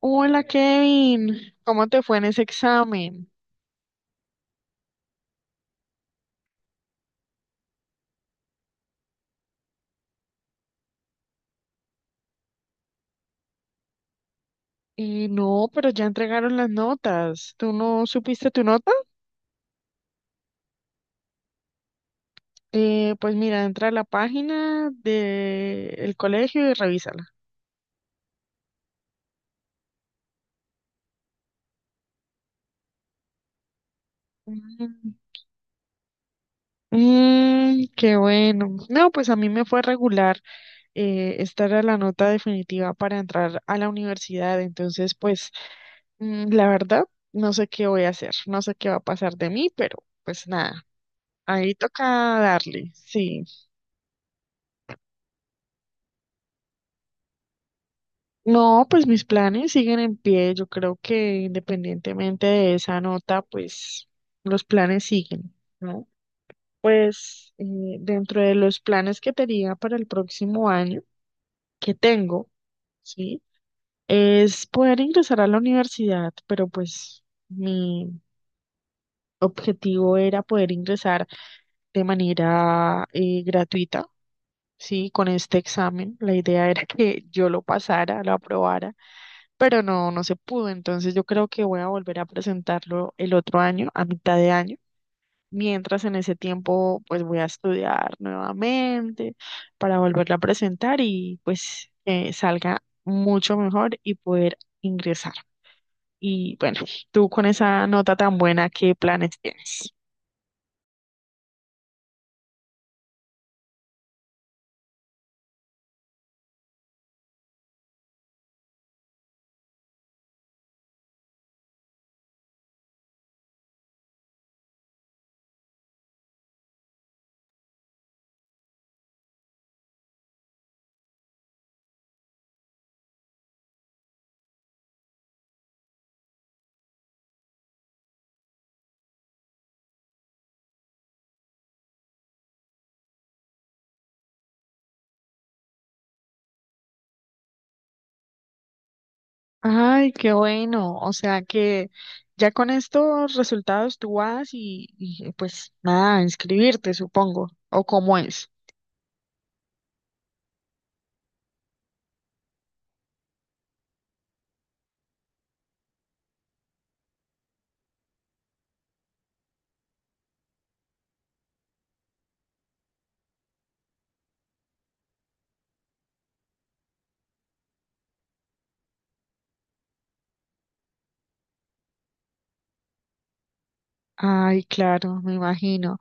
Hola Kevin, ¿cómo te fue en ese examen? No, pero ya entregaron las notas. ¿Tú no supiste tu nota? Pues mira, entra a la página del colegio y revísala. Mm. Mm, qué bueno. No, pues a mí me fue regular. Esta era la nota definitiva para entrar a la universidad. Entonces, pues la verdad, no sé qué voy a hacer, no sé qué va a pasar de mí, pero pues nada, ahí toca darle, sí. No, pues mis planes siguen en pie. Yo creo que independientemente de esa nota, pues los planes siguen, ¿no? Pues dentro de los planes que tenía para el próximo año, que tengo, ¿sí? Es poder ingresar a la universidad, pero pues mi objetivo era poder ingresar de manera gratuita, ¿sí? Con este examen. La idea era que yo lo pasara, lo aprobara, pero no, no se pudo. Entonces yo creo que voy a volver a presentarlo el otro año, a mitad de año. Mientras en ese tiempo, pues voy a estudiar nuevamente para volverlo a presentar y pues salga mucho mejor y poder ingresar. Y bueno, tú con esa nota tan buena, ¿qué planes tienes? Ay, qué bueno. O sea que ya con estos resultados tú vas y pues nada, inscribirte, supongo, o cómo es. Ay, claro, me imagino.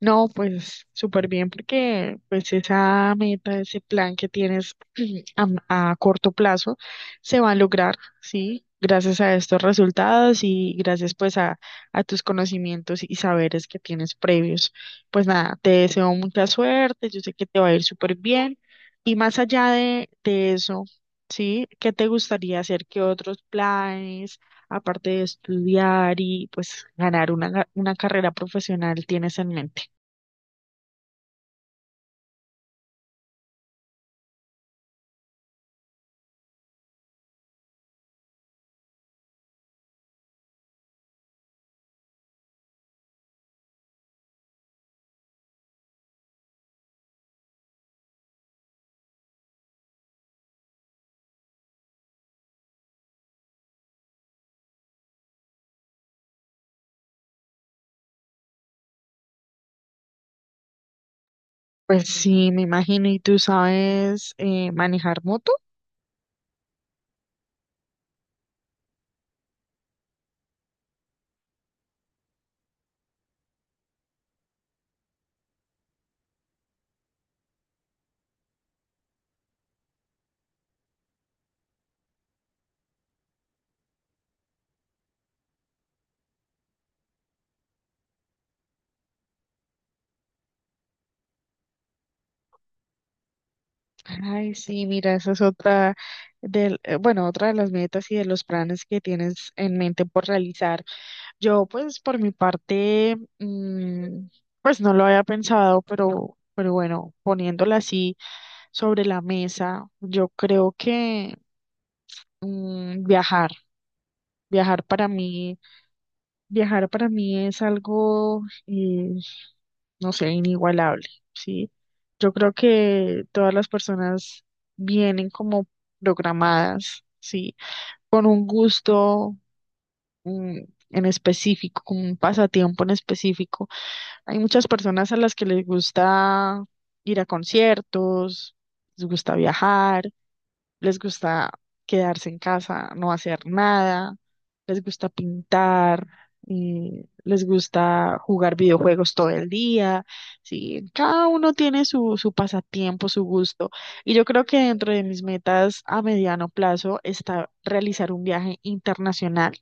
No, pues súper bien porque pues esa meta, ese plan que tienes a corto plazo se va a lograr, ¿sí? Gracias a estos resultados y gracias pues a tus conocimientos y saberes que tienes previos. Pues nada, te deseo mucha suerte, yo sé que te va a ir súper bien y más allá de eso, ¿sí? ¿Qué te gustaría hacer? ¿Qué otros planes aparte de estudiar y pues ganar una carrera profesional tienes en mente? Pues sí, me imagino. ¿Y tú sabes manejar moto? Ay, sí, mira, esa es otra bueno, otra de las metas y de los planes que tienes en mente por realizar. Yo, pues, por mi parte, pues no lo había pensado, pero bueno, poniéndola así sobre la mesa, yo creo que viajar, viajar para mí, viajar para mí es algo no sé, inigualable, ¿sí? Yo creo que todas las personas vienen como programadas, ¿sí? Con un gusto mm, en específico, con un pasatiempo en específico. Hay muchas personas a las que les gusta ir a conciertos, les gusta viajar, les gusta quedarse en casa, no hacer nada, les gusta pintar, les gusta jugar videojuegos todo el día, sí, cada uno tiene su, su pasatiempo, su gusto. Y yo creo que dentro de mis metas a mediano plazo está realizar un viaje internacional.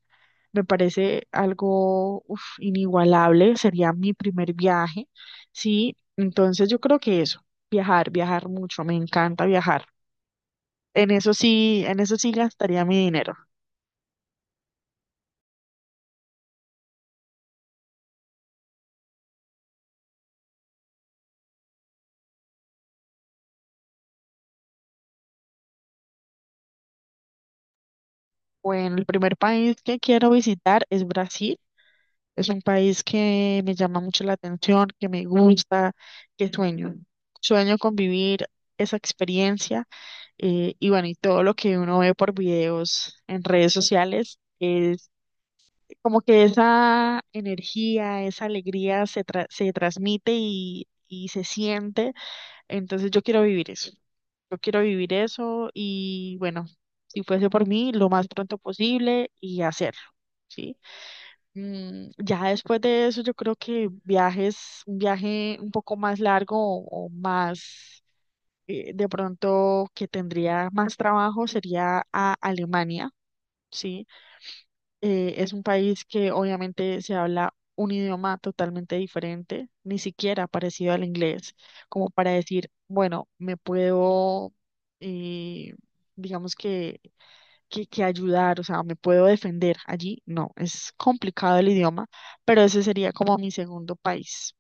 Me parece algo uf, inigualable, sería mi primer viaje, sí, entonces yo creo que eso, viajar, viajar mucho, me encanta viajar. En eso sí gastaría mi dinero. Bueno, el primer país que quiero visitar es Brasil. Es un país que me llama mucho la atención, que me gusta, que sueño. Sueño con vivir esa experiencia y bueno, y todo lo que uno ve por videos en redes sociales es como que esa energía, esa alegría se transmite y se siente. Entonces yo quiero vivir eso. Yo quiero vivir eso y bueno, si fuese por mí, lo más pronto posible y hacerlo, ¿sí? Mm, ya después de eso, yo creo que viajes, un viaje un poco más largo o más, de pronto que tendría más trabajo sería a Alemania, ¿sí? Es un país que obviamente se habla un idioma totalmente diferente, ni siquiera parecido al inglés, como para decir, bueno, me puedo, eh, digamos que ayudar, o sea, me puedo defender allí. No, es complicado el idioma, pero ese sería como mi segundo país.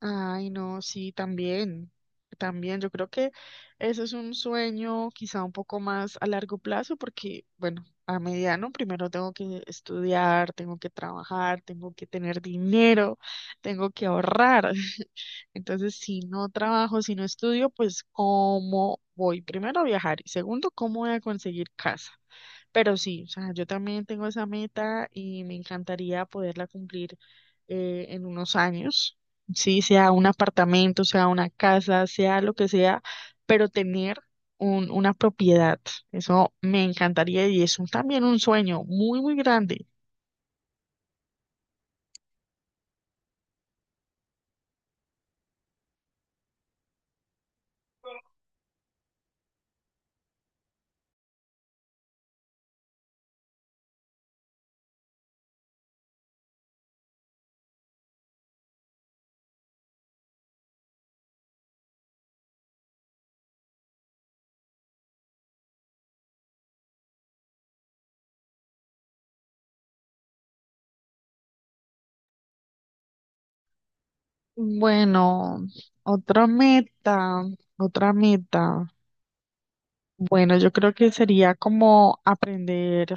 Ay, no, sí, también, también. Yo creo que eso es un sueño quizá un poco más a largo plazo porque, bueno, a mediano primero tengo que estudiar, tengo que trabajar, tengo que tener dinero, tengo que ahorrar. Entonces, si no trabajo, si no estudio, pues ¿cómo voy? Primero a viajar y segundo, ¿cómo voy a conseguir casa? Pero sí, o sea, yo también tengo esa meta y me encantaría poderla cumplir en unos años, sí, sea un apartamento, sea una casa, sea lo que sea, pero tener una propiedad, eso me encantaría y es también un sueño muy, muy grande. Bueno, otra meta, otra meta. Bueno, yo creo que sería como aprender,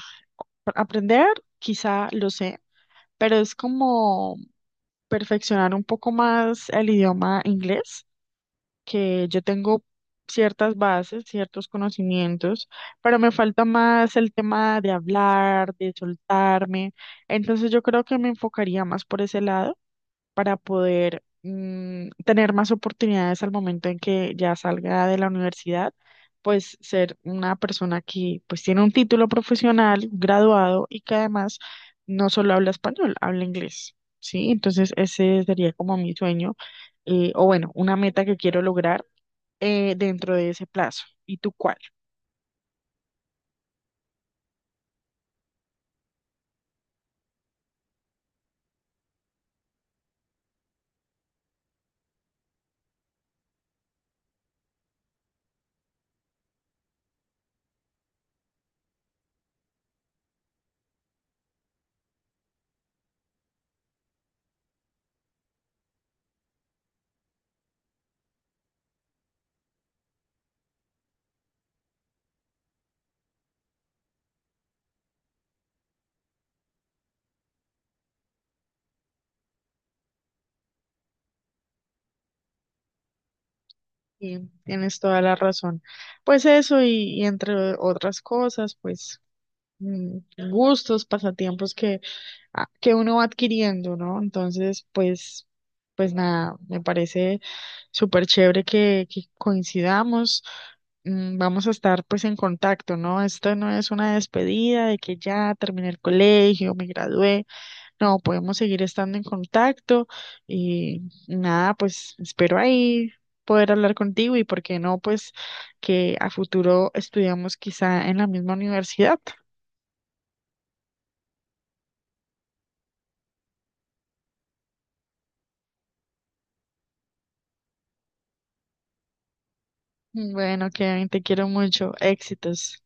aprender, quizá lo sé, pero es como perfeccionar un poco más el idioma inglés, que yo tengo ciertas bases, ciertos conocimientos, pero me falta más el tema de hablar, de soltarme. Entonces yo creo que me enfocaría más por ese lado para poder tener más oportunidades al momento en que ya salga de la universidad, pues ser una persona que pues tiene un título profesional, graduado y que además no solo habla español, habla inglés, ¿sí? Entonces ese sería como mi sueño, o bueno, una meta que quiero lograr dentro de ese plazo. ¿Y tú cuál? Y tienes toda la razón. Pues eso y entre otras cosas, pues mm, gustos, pasatiempos que que uno va adquiriendo, ¿no? Entonces, pues, pues nada, me parece súper chévere que coincidamos. Mm, vamos a estar pues en contacto, ¿no? Esto no es una despedida de que ya terminé el colegio, me gradué. No, podemos seguir estando en contacto y nada, pues espero ahí poder hablar contigo y por qué no, pues que a futuro estudiamos quizá en la misma universidad. Bueno, Kevin, te quiero mucho. Éxitos.